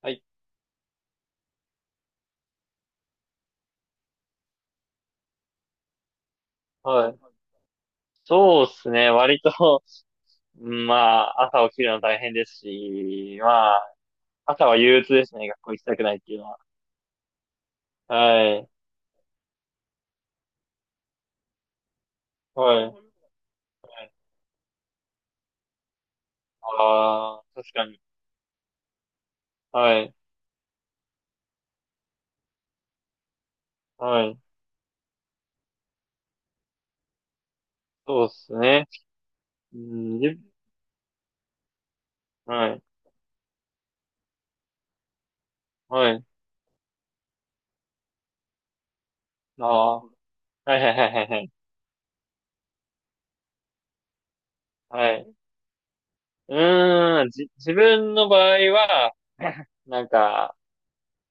はい。はい。そうですね。割と、うんまあ、朝起きるの大変ですし、まあ、朝は憂鬱ですね。学校行きたくないっていうのは。はい。はい。ああ、確かに。はい。はい。そうですね。うん、はい。はい。ああ、はいはいはいはいはい。はい。うーん、自分の場合は、なんか、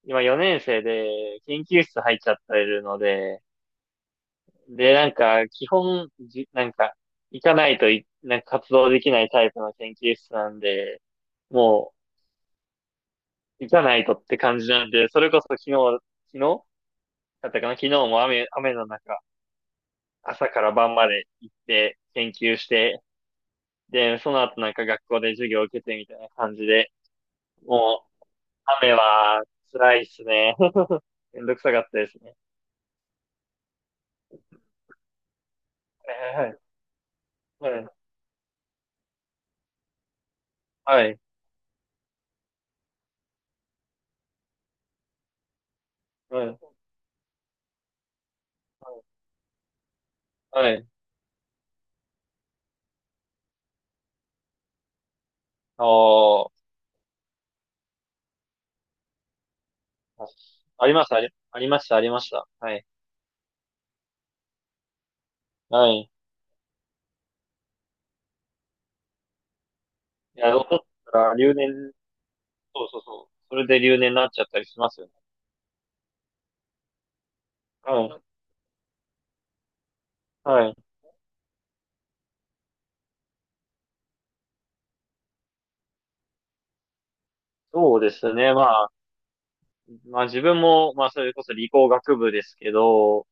今4年生で研究室入っちゃってるので、で、なんか、基本、なんか、行かないとい、なんか活動できないタイプの研究室なんで、もう、行かないとって感じなんで、それこそ昨日、昨日だったかな、昨日も雨の中、朝から晩まで行って研究して、で、その後なんか学校で授業を受けてみたいな感じで、もう、雨は辛いっすね。めんどくさかったですね。はいはいはい。はい。はい。はい。はい。はい。あーあ、あります、ありました、ありました。はい。はい。いや、残ったら留年、そうそうそう。それで留年になっちゃったりしますよね。はい。はい。そうですね。まあ、まあ自分も、それこそ理工学部ですけど、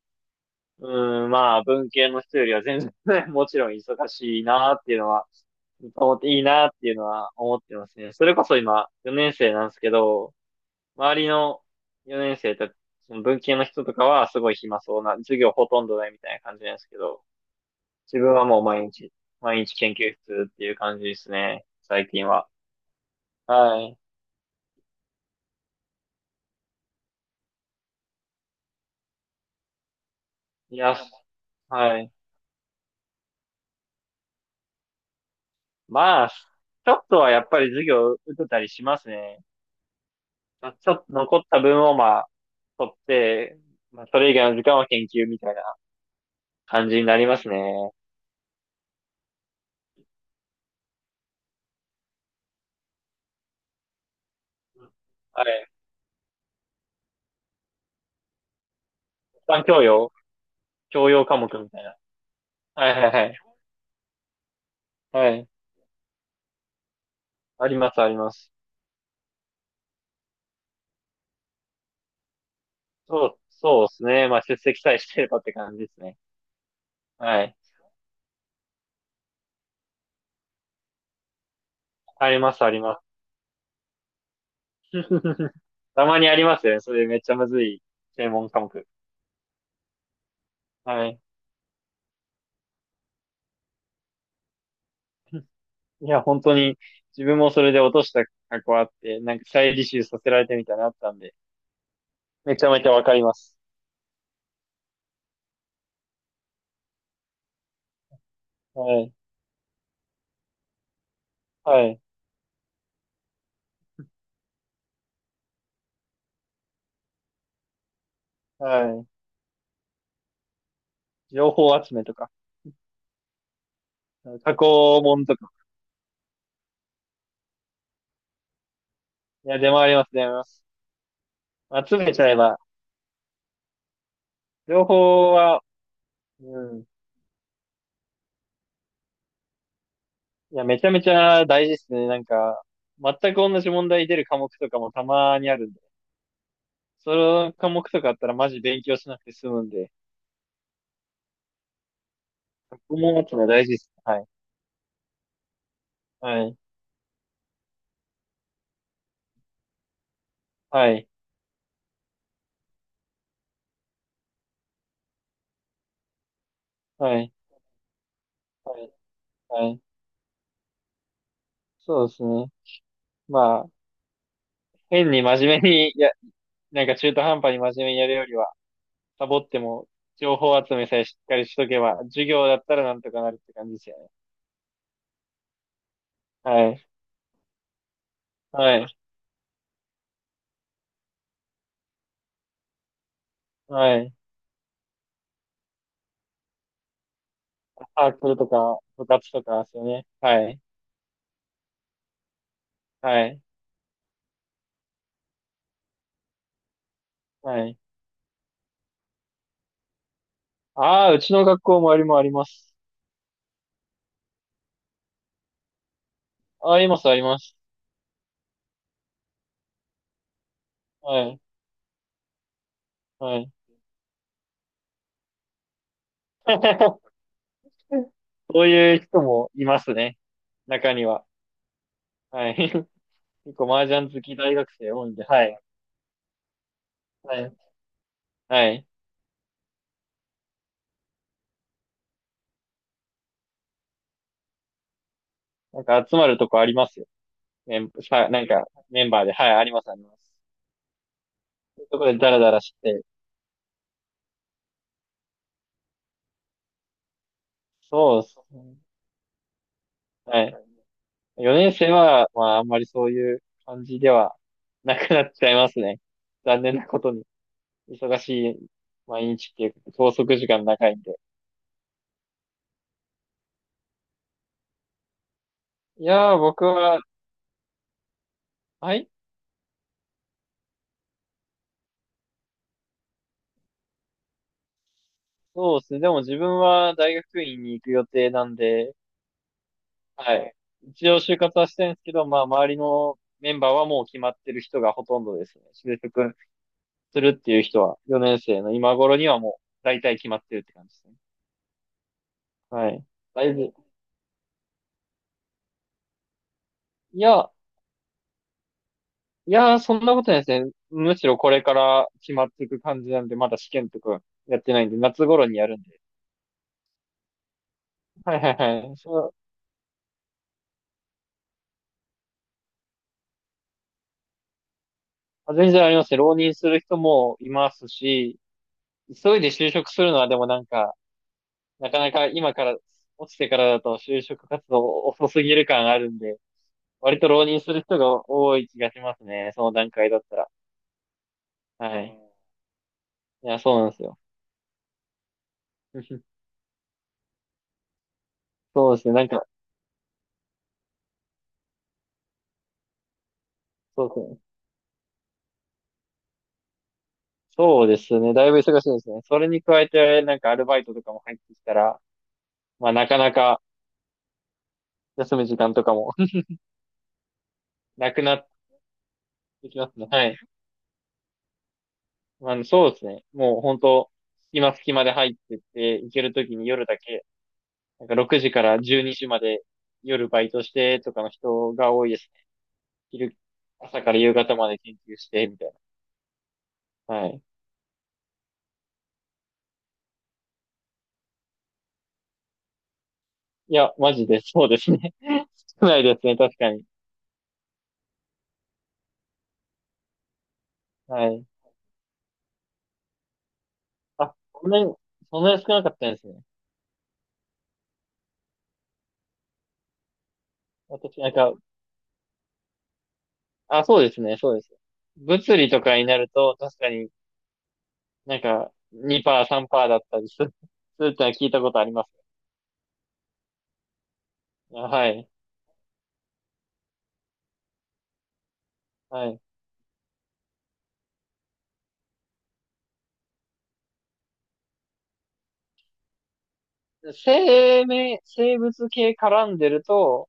うん、まあ文系の人よりは全然 もちろん忙しいなっていうのは、思っていいなっていうのは思ってますね。それこそ今、4年生なんですけど、周りの4年生たち、その文系の人とかはすごい暇そうな、授業ほとんどないみたいな感じなんですけど、自分はもう毎日、毎日研究室っていう感じですね、最近は。はい。いや、はい。まあ、ちょっとはやっぱり授業受けたりしますね。まあちょっと残った分をまあ、取って、まあ、それ以外の時間は研究みたいな感じになりますね。はい。一般教養、教養科目みたいな。はいはいはい。はい。ありますあります。そうですね。まあ、出席さえしてればって感じですね。はい。あります、あります。たまにありますよね。それめっちゃむずい専門科目。はい。いや、本当に自分もそれで落とした過去あって、なんか再履修させられてみたいなのあったんで、めちゃめちゃわかります。はい。はい。はい。情報集めとか、過去問とか。いや、出回ります、出回ります。集めちゃえば、情報は、うん、いや、めちゃめちゃ大事ですね。なんか、全く同じ問題出る科目とかもたまにあるんで。その科目とかあったらマジ勉強しなくて済むんで。そこも持つの大事です。はい。はい。はい。はい。はい。はい。そうですね。まあ、変に真面目に、いや、なんか中途半端に真面目にやるよりは、サボっても、情報集めさえしっかりしとけば、授業だったらなんとかなるって感じですよね。はい。はい。はい。サークルとか、部活とかですよね。はい。はい。はい。ああ、うちの学校もあります。あります、はい、はい。そういう人もいますね。中には。はい。結構麻雀好き大学生多いんで、はい。はい。はい。なんか集まるとこありますよ。メン、さ、なんかメンバーで、はい、あります、あります。そういうとこでダラダラして。そうそう。はい。4年生は、まあ、あんまりそういう感じではなくなっちゃいますね。残念なことに。忙しい毎日っていうか、拘束時間長いんで。いやー、僕は、はい、そうですね。でも自分は大学院に行く予定なんで、はい。一応就活はしてるんですけど、まあ、周りのメンバーはもう決まってる人がほとんどですね。就職するっていう人は、4年生の今頃にはもう、大体決まってるって感じですね。はい。だいぶ、いや、いやー、そんなことないですね。むしろこれから決まっていく感じなんで、まだ試験とかやってないんで、夏頃にやるんで。はいはいはい。そう、全然ありますね。浪人する人もいますし、急いで就職するのはでもなんか、なかなか今から、落ちてからだと就職活動遅すぎる感あるんで、割と浪人する人が多い気がしますね。その段階だったら。はい。いや、そうなんですよ。そうですね。なんか、そうですね。そうですね。だいぶ忙しいですね。それに加えて、なんかアルバイトとかも入ってきたら、まあなかなか休む時間とかも なくなってきますね。はい。あの、そうですね。もう本当、隙間隙間で入ってって、行けるときに夜だけ、なんか6時から12時まで夜バイトしてとかの人が多いですね。昼、朝から夕方まで研究して、みたいな。はい。いや、マジでそうですね。少ないですね、確かに。はい。あ、そんなに少なかったんですね。私、なんか、あ、そうですね、そうです。物理とかになると、確かになんか2%、3%だったりする、ってのは聞いたことあります。あ、はい。はい。生命、生物系絡んでると、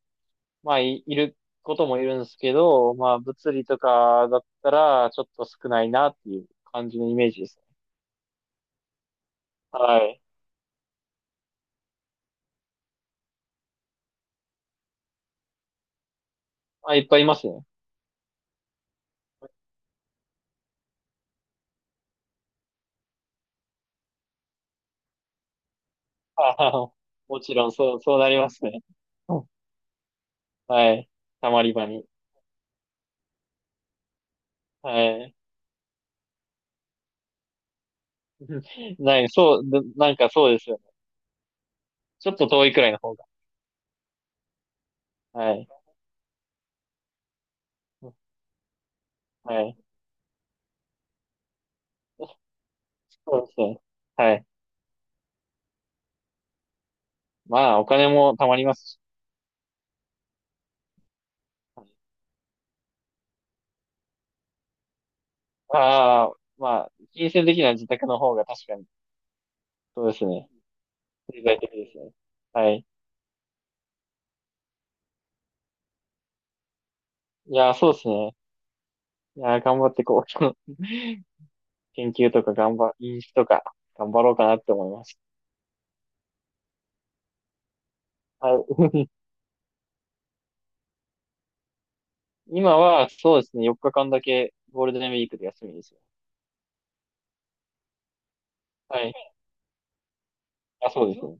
まあ、いることもいるんですけど、まあ、物理とかだったら、ちょっと少ないなっていう感じのイメージですね。はい。まあ、いっぱいいますね。ああ、もちろん、そう、そうなりますね。うん、はい。たまり場に。はい。ない、そう、ななんかそうですよね。ちょっと遠いくらいの方が。はい。はい。そうですね。はい。まあ、お金もたまりますし、ああ、まあ、金銭的な自宅の方が確かに、そうですね。経済的ですね。はい。いやー、そうですね。いやー、頑張ってこう。研究とか飲酒とか頑張ろうかなって思います。はい。今は、そうですね。4日間だけゴールデンウィークで休みですよ。はい。あ、そうですね。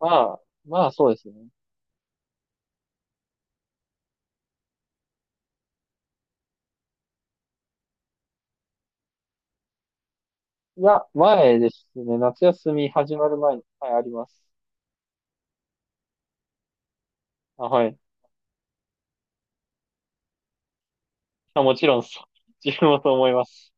まあ、そうですね。いや、前ですね。夏休み始まる前に、はい、あります。あ、はい。あ、もちろんそう、自分もそう思います。